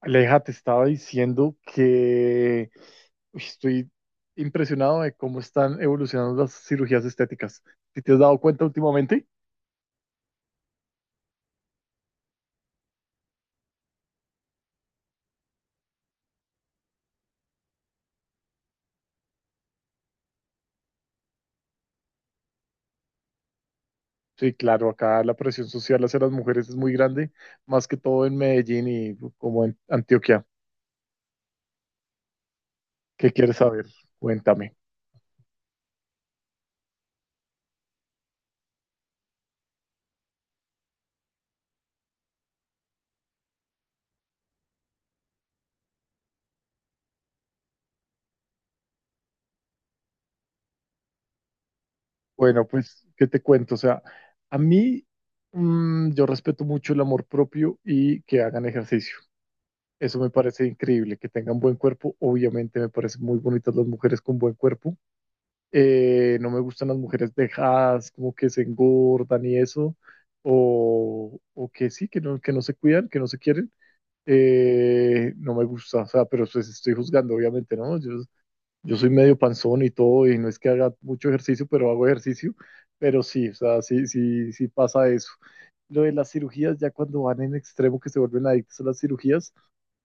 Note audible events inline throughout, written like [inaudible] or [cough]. Aleja, te estaba diciendo que estoy impresionado de cómo están evolucionando las cirugías estéticas. ¿Si te has dado cuenta últimamente? Sí, claro, acá la presión social hacia las mujeres es muy grande, más que todo en Medellín y como en Antioquia. ¿Qué quieres saber? Cuéntame. Bueno, pues, ¿qué te cuento? O sea, a mí yo respeto mucho el amor propio y que hagan ejercicio. Eso me parece increíble, que tengan buen cuerpo. Obviamente me parecen muy bonitas las mujeres con buen cuerpo. No me gustan las mujeres dejadas, como que se engordan y eso, o que sí, que no se cuidan, que no se quieren, no me gusta, o sea, pero pues estoy juzgando, obviamente, ¿no? Yo soy medio panzón y todo, y no es que haga mucho ejercicio, pero hago ejercicio, pero sí, o sea, sí, sí, sí pasa eso. Lo de las cirugías, ya cuando van en extremo que se vuelven adictos a las cirugías,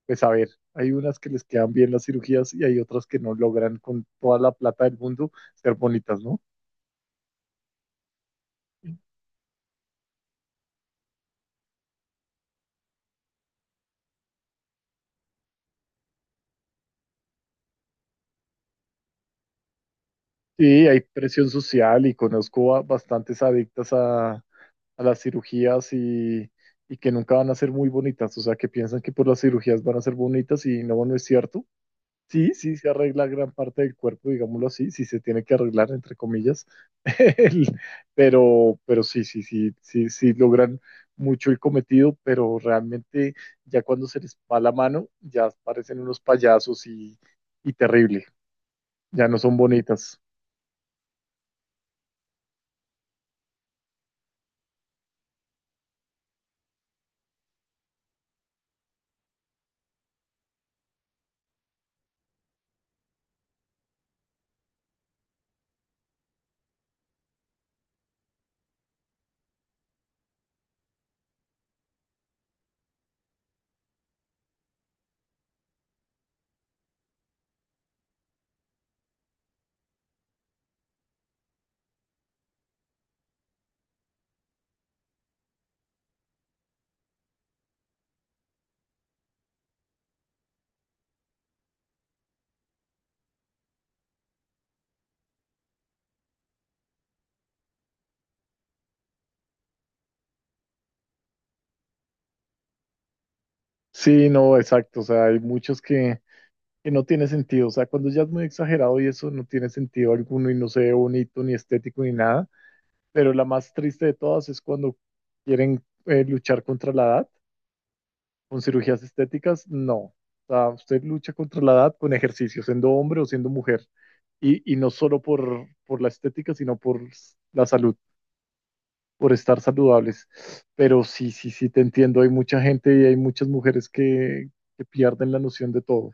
pues a ver, hay unas que les quedan bien las cirugías y hay otras que no logran con toda la plata del mundo ser bonitas, ¿no? Sí, hay presión social y conozco a bastantes adictas a las cirugías y que nunca van a ser muy bonitas, o sea, que piensan que por las cirugías van a ser bonitas y no, no es cierto. Sí, sí, se arregla gran parte del cuerpo, digámoslo así, sí se tiene que arreglar, entre comillas, [laughs] El- pero sí, sí, sí, sí, sí logran mucho el cometido, pero realmente ya cuando se les va la mano, ya parecen unos payasos y terrible, ya no son bonitas. Sí, no, exacto. O sea, hay muchos que no tiene sentido. O sea, cuando ya es muy exagerado y eso no tiene sentido alguno y no se ve bonito ni estético ni nada. Pero la más triste de todas es cuando quieren luchar contra la edad con cirugías estéticas. No. O sea, usted lucha contra la edad con ejercicio, siendo hombre o siendo mujer. Y no solo por la estética, sino por la salud, por estar saludables. Pero sí, sí, sí, te entiendo. Hay mucha gente y hay muchas mujeres que pierden la noción de todo.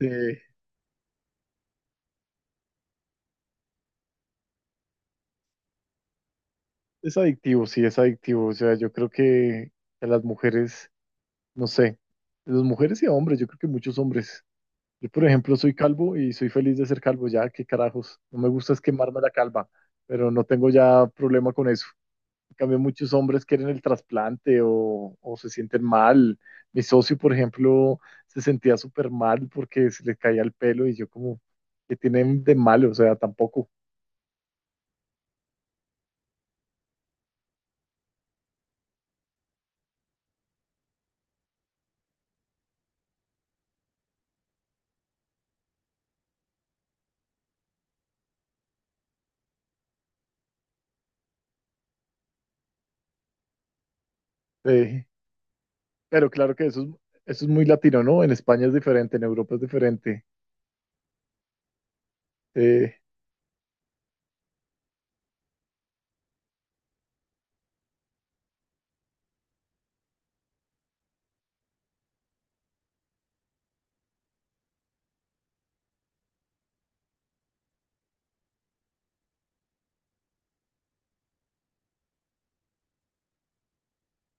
Sí, es adictivo, sí, es adictivo. O sea, yo creo que a las mujeres, no sé, las mujeres y a hombres, yo creo que muchos hombres. Yo, por ejemplo, soy calvo y soy feliz de ser calvo, ya, qué carajos. No me gusta es quemarme la calva, pero no tengo ya problema con eso. En cambio, muchos hombres quieren el trasplante o se sienten mal. Mi socio, por ejemplo, se sentía súper mal porque se le caía el pelo y yo como, ¿qué tienen de malo? O sea, tampoco. Sí. Pero claro que eso es muy latino, ¿no? En España es diferente, en Europa es diferente. Eh,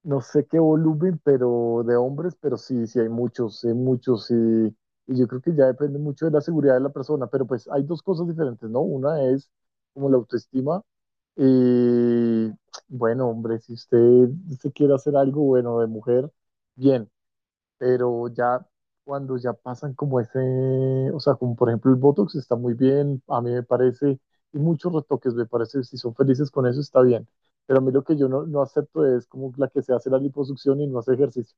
no sé qué volumen, pero de hombres, pero sí, sí hay muchos, y yo creo que ya depende mucho de la seguridad de la persona, pero pues hay dos cosas diferentes, ¿no? Una es como la autoestima y, bueno, hombre, si usted se quiere hacer algo bueno de mujer, bien, pero ya cuando ya pasan como ese, o sea, como por ejemplo el Botox está muy bien, a mí me parece, y muchos retoques me parece, si son felices con eso está bien, pero a mí lo que yo no, no acepto es como la que se hace la liposucción y no hace ejercicio,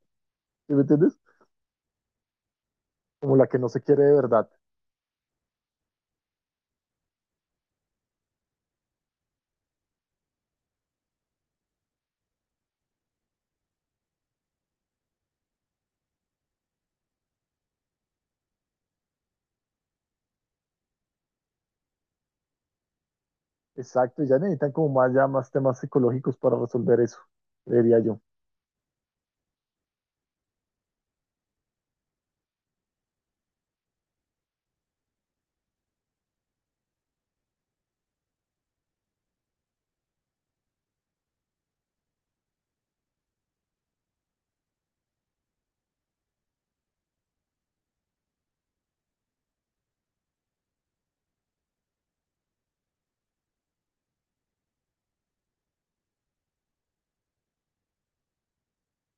¿sí me entiendes? Como la que no se quiere de verdad. Exacto, y ya necesitan como más, ya más temas psicológicos para resolver eso, creería yo.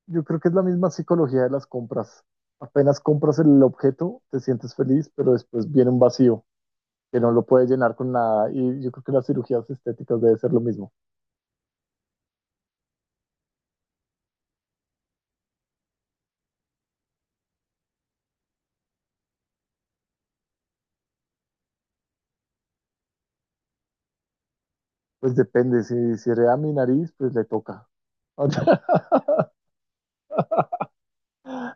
Yo creo que es la misma psicología de las compras. Apenas compras el objeto, te sientes feliz, pero después viene un vacío que no lo puede llenar con nada. Y yo creo que las cirugías estéticas debe ser lo mismo. Pues depende, si, si hereda mi nariz, pues le toca. [laughs]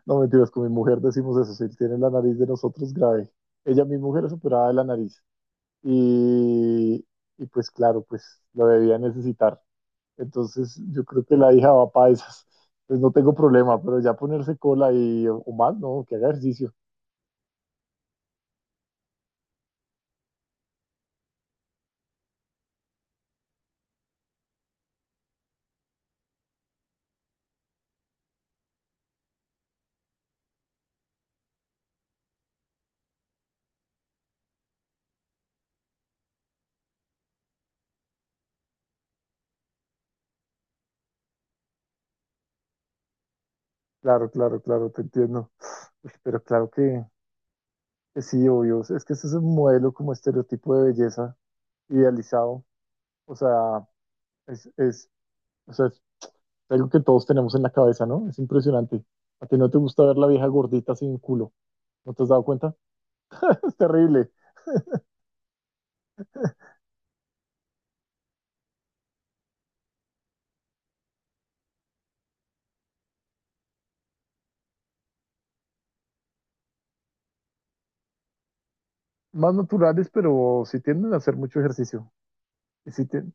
No mentiras, con mi mujer decimos eso, si tiene la nariz de nosotros grave. Ella, mi mujer, es operada de la nariz. Y, y pues claro, pues lo debía necesitar. Entonces yo creo que la hija va para esas. Pues no tengo problema, pero ya ponerse cola y o más, no, que haga ejercicio. Claro, claro, claro, te entiendo. Pues, pero claro que sí, obvio. Es que ese es un modelo como estereotipo de belleza idealizado. O sea, es, o sea, es algo que todos tenemos en la cabeza, ¿no? Es impresionante. A ti no te gusta ver la vieja gordita sin culo. ¿No te has dado cuenta? [laughs] Es terrible. Más naturales, pero sí tienden a hacer mucho ejercicio. Y,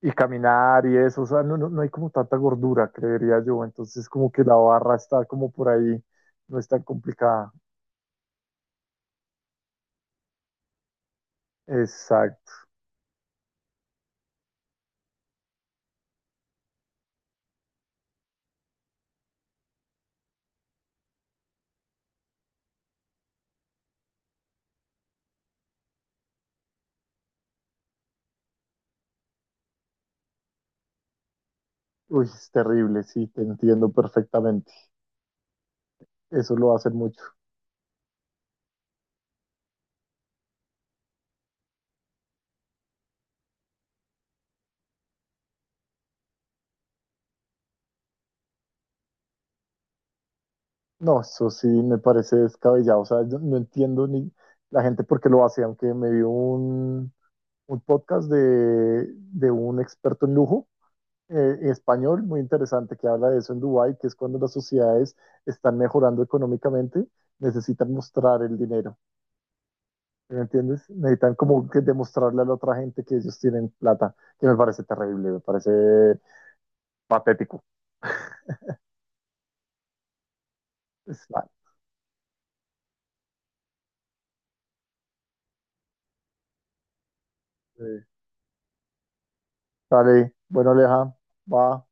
y caminar y eso. O sea, no, no, no hay como tanta gordura, creería yo. Entonces, como que la barra está como por ahí. No es tan complicada. Exacto. Uy, es terrible. Sí, te entiendo perfectamente. Eso lo va a hacer mucho. No, eso sí me parece descabellado. O sea, yo no entiendo ni la gente por qué lo hace, aunque me vio un podcast de un experto en lujo en español muy interesante que habla de eso en Dubái, que es cuando las sociedades están mejorando económicamente, necesitan mostrar el dinero. ¿Sí me entiendes? Necesitan como que demostrarle a la otra gente que ellos tienen plata, que me parece terrible, me parece patético. Vale, eh, dale, bueno, Aleja, va.